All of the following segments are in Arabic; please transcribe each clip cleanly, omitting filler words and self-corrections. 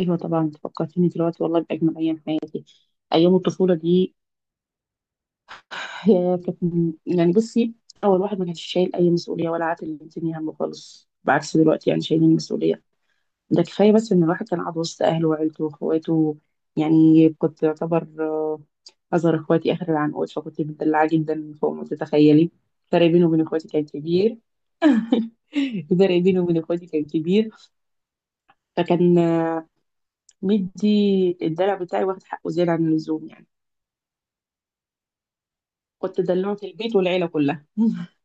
ايوه، طبعا انت فكرتيني دلوقتي والله باجمل ايام حياتي. ايام الطفوله دي. يا كانت يعني بصي، اول واحد ما كانش شايل اي مسؤوليه ولا عاتل الدنيا همه خالص، بعكس دلوقتي يعني شايلين مسؤوليه. ده كفايه بس ان الواحد كان قاعد وسط اهله وعيلته واخواته. يعني كنت يعتبر اصغر اخواتي، اخر العنقود، فكنت مدلعه جدا فوق ما تتخيلي. الفرق بيني وبين اخواتي كان كبير. الفرق بيني وبين اخواتي كان كبير. فكان مدي الدلع بتاعي واخد حقه زياده عن اللزوم يعني. كنت دلوعة البيت والعيلة كلها.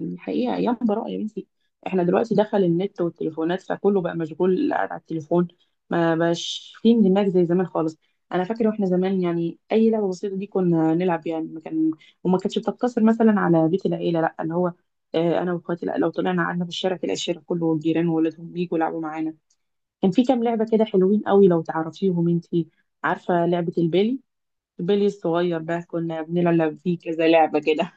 الحقيقة أيام براءة يا بنتي. احنا دلوقتي دخل النت والتليفونات فكله بقى مشغول قاعد على التليفون. ما بقاش في اندماج زي زمان خالص. أنا فاكرة واحنا زمان يعني أي لعبة بسيطة دي كنا نلعب يعني ما كان، وما كانتش بتقتصر مثلا على بيت العيلة، لا اللي هو أنا وأخواتي، لا لو طلعنا قعدنا في الشارع تلاقي الشارع كله والجيران وولادهم بيجوا يلعبوا معانا. كان في كام لعبة كده حلوين قوي، لو تعرفيهم انتي. عارفة لعبة البيلي؟ البيلي الصغير ده كنا بنلعب فيه كذا لعبة كده.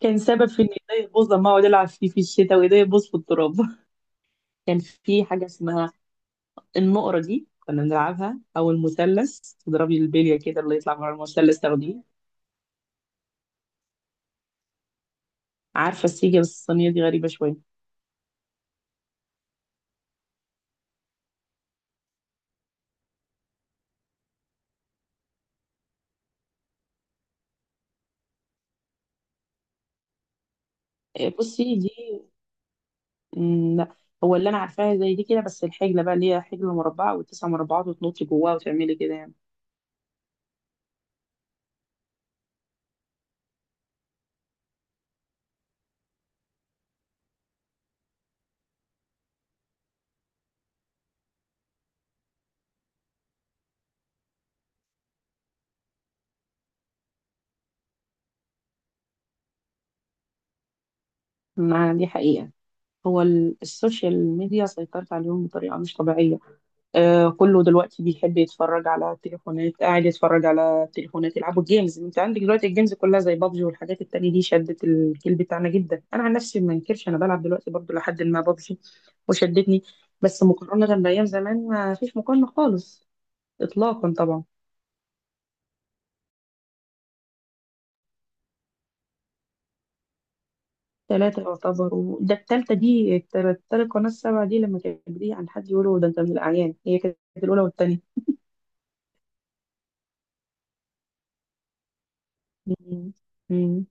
كان سبب في ان ايديا تبوظ لما اقعد العب فيه في الشتاء وايديا تبوظ في التراب. كان في حاجه اسمها النقره دي كنا بنلعبها او المثلث، تضربي البليه كده اللي يطلع بره المثلث تاخديه. عارفه السيجه، بس الصينيه دي غريبه شويه. إيه، بصي دي. لا، هو اللي انا عارفاها زي دي كده بس الحجله بقى اللي هي حجله مربعه والتسع مربعات وتنطي جواها وتعملي كده يعني. ما دي حقيقه. هو السوشيال ميديا سيطرت عليهم بطريقه مش طبيعيه. آه، كله دلوقتي بيحب يتفرج على التليفونات، قاعد يتفرج على التليفونات، يلعبوا جيمز. انت عندك دلوقتي الجيمز كلها زي بابجي والحاجات التانية دي شدت الجيل بتاعنا جدا. انا عن نفسي ما انكرش انا بلعب دلوقتي برضو لحد ما بابجي وشدتني. بس مقارنة بأيام زمان ما فيش مقارنة خالص، إطلاقا طبعا. ثلاثة يعتبروا، ده التالتة دي، التالت قناة السبعة دي لما كانت بتيجي عن حد يقولوا ده أنت من الأعيان. هي كانت الأولى والتانية. مم. مم.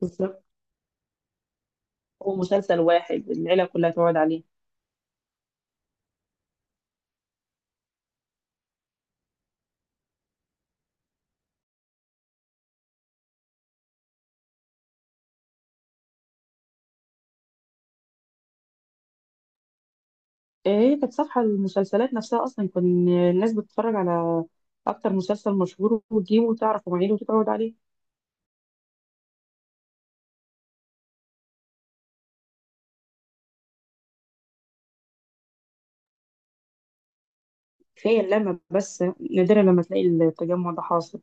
بالظبط. هو مسلسل واحد العيلة كلها تقعد عليه. هي كانت صفحة المسلسلات نفسها أصلا، كان الناس بتتفرج على أكتر مسلسل مشهور وتجيبه وتعرف مواعيده وتتعود عليه. تخيل لما بس نادرا لما تلاقي التجمع ده حاصل.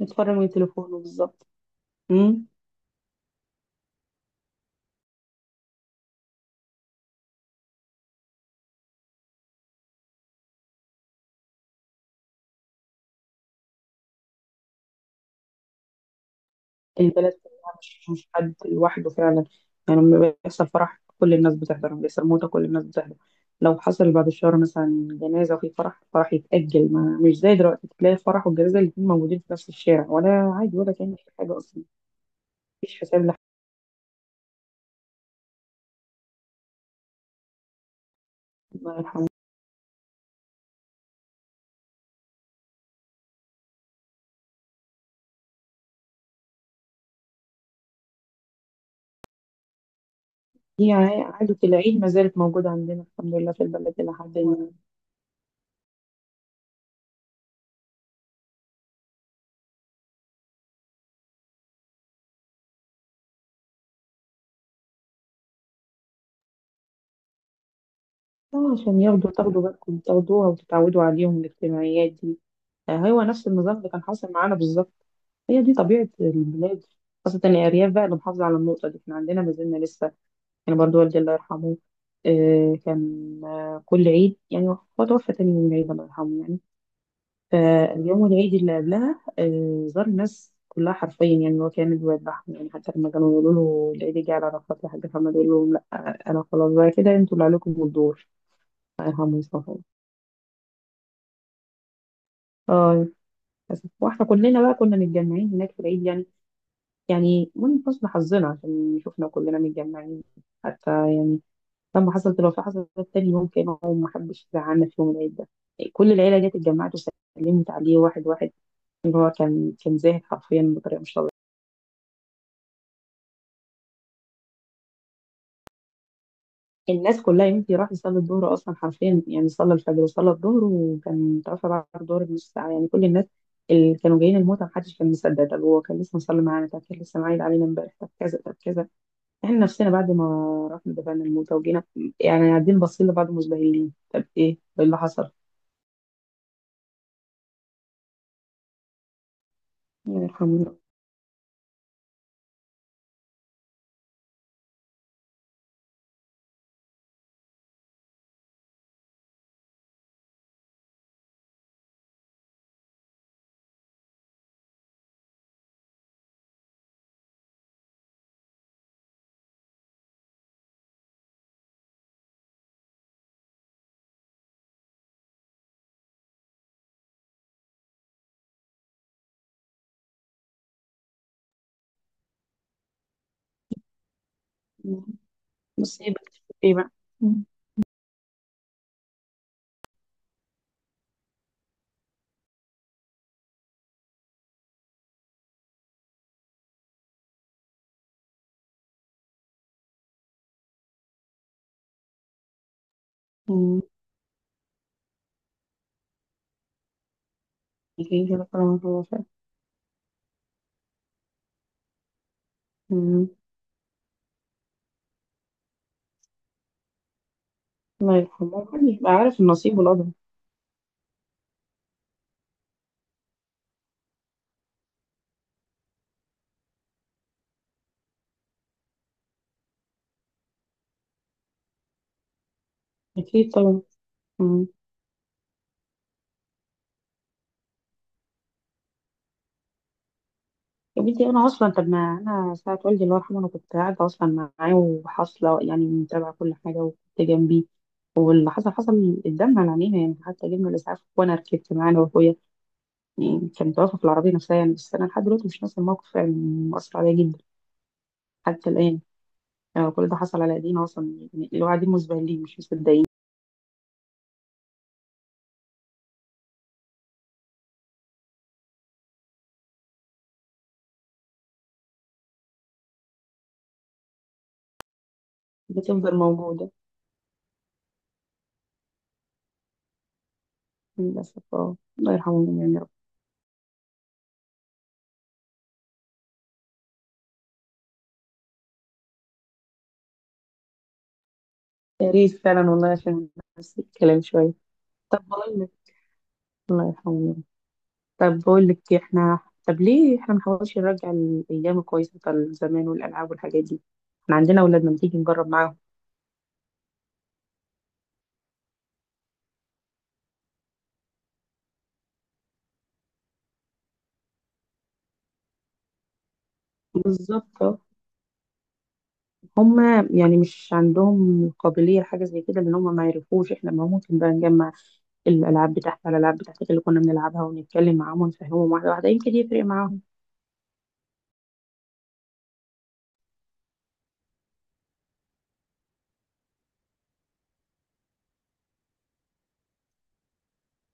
نتفرج من تليفونه بالظبط. أمم، البلد كلها، مش حد لوحده فعلا. يعني لما بيحصل فرح كل الناس بتحضر، لما بيحصل موتة كل الناس بتحضر. لو حصل بعد الشهر مثلا جنازة وفي فرح، الفرح يتأجل. ما مش زي دلوقتي، تلاقي الفرح والجنازة الاتنين موجودين في نفس الشارع ولا عادي ولا كأن في حاجة أصلا. مفيش حساب لحد. الله يرحمه. هي عادة العيد ما زالت موجودة عندنا الحمد لله في البلد إلى حد ما. عشان ياخدوا تاخدوا بالكم تاخدوها وتتعودوا عليهم الاجتماعيات دي. هو نفس النظام اللي كان حاصل معانا بالظبط. هي دي طبيعة البلاد، خاصة الأرياف بقى اللي محافظة على النقطة دي، احنا عندنا ما زلنا لسه. يعني برضو والدي الله يرحمه، كان كل عيد. يعني هو توفى تاني يوم العيد الله يرحمه يعني. اليوم العيد اللي قبلها زار الناس كلها حرفيا. يعني هو كان الواد بحر، يعني حتى لما كانوا يقولوا له العيد جه على عرفات لحاج محمد، يقول لهم لا، انا خلاص بقى كده انتوا اللي عليكم الدور. الله يرحمه ويصفحه. اه، للأسف. واحنا كلنا بقى كنا متجمعين هناك في العيد يعني، يعني من حسن حظنا عشان شفنا كلنا متجمعين. حتى يعني لما حصلت، لو في حصلت، تاني يوم كانوا، ما حدش زعلنا في يوم العيد ده. كل العيله جت اتجمعت وسلمت عليه واحد واحد. ان هو كان زاهد حرفيا بطريقه مش، الناس كلها. يمكن راح يصلي الظهر اصلا حرفيا يعني، صلى الفجر وصلى الظهر وكان توفى بعد الظهر بنص ساعه يعني. كل الناس اللي كانوا جايين الموتى محدش كان مصدق. طب هو كان لسه مصلي معانا، طب كان لسه معايد علينا امبارح، طب كذا طب كذا. احنا نفسنا بعد ما رحنا دفعنا الموتى وجينا، يعني قاعدين باصين لبعض مزبهلين. طب ايه؟ ايه اللي حصل؟ يعني الحمد لله. مصيبه. ايه بقى؟ مم. مم. يجي كده كلام الله فعلا. مم. الله يرحمه، محدش بقى عارف النصيب والقدر. اكيد طبعا. يا بنتي انا اصلا، طب ما انا ساعه والدي الله يرحمه انا كنت قاعده اصلا معاه وحاصله يعني، متابعه كل حاجه وكنت جنبي. واللي حصل حصل قدامنا على عينينا يعني، حتى جبنا الاسعاف وانا ركبت معاه انا واخويا. يعني كان توفى في العربيه نفسها يعني. بس انا لحد دلوقتي مش ناسي الموقف يعني، مؤثر عليا جدا حتى الان. يعني كل ده حصل على ايدينا اصلا يعني، اللي هو قاعدين مسبهلين مش مصدقين. بتفضل موجوده. للاسف، اه الله يرحمهم يعني يا رب. يا ريت فعلا والله، عشان نفس الكلام شويه. طب بقول لك، الله يرحمه. طب بقول لك إيه، احنا، طب ليه احنا ما نحاولش نرجع الايام الكويسه بتاع زمان والالعاب والحاجات دي؟ احنا عندنا اولادنا، ما تيجي نجرب معاهم. بالظبط آه. هما يعني مش عندهم قابليه لحاجه زي كده لان هما ما يعرفوش، احنا ما ممكن بقى نجمع الالعاب بتاعتها، الالعاب بتاعتك اللي كنا بنلعبها ونتكلم معاهم ونفهمهم واحده واحده يمكن يفرق معاهم.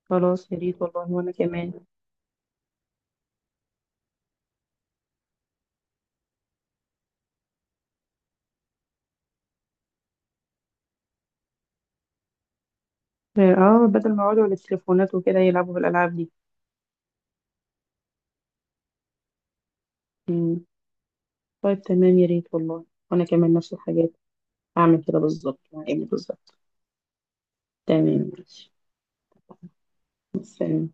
خلاص يا ريت والله، وانا كمان. اه، بدل ما يقعدوا على التليفونات وكده يلعبوا في الالعاب دي. مم. طيب تمام، يا ريت والله. وانا كمان نفس الحاجات، هعمل كده بالظبط مع ابني بالظبط. تمام ماشي، مع السلامة.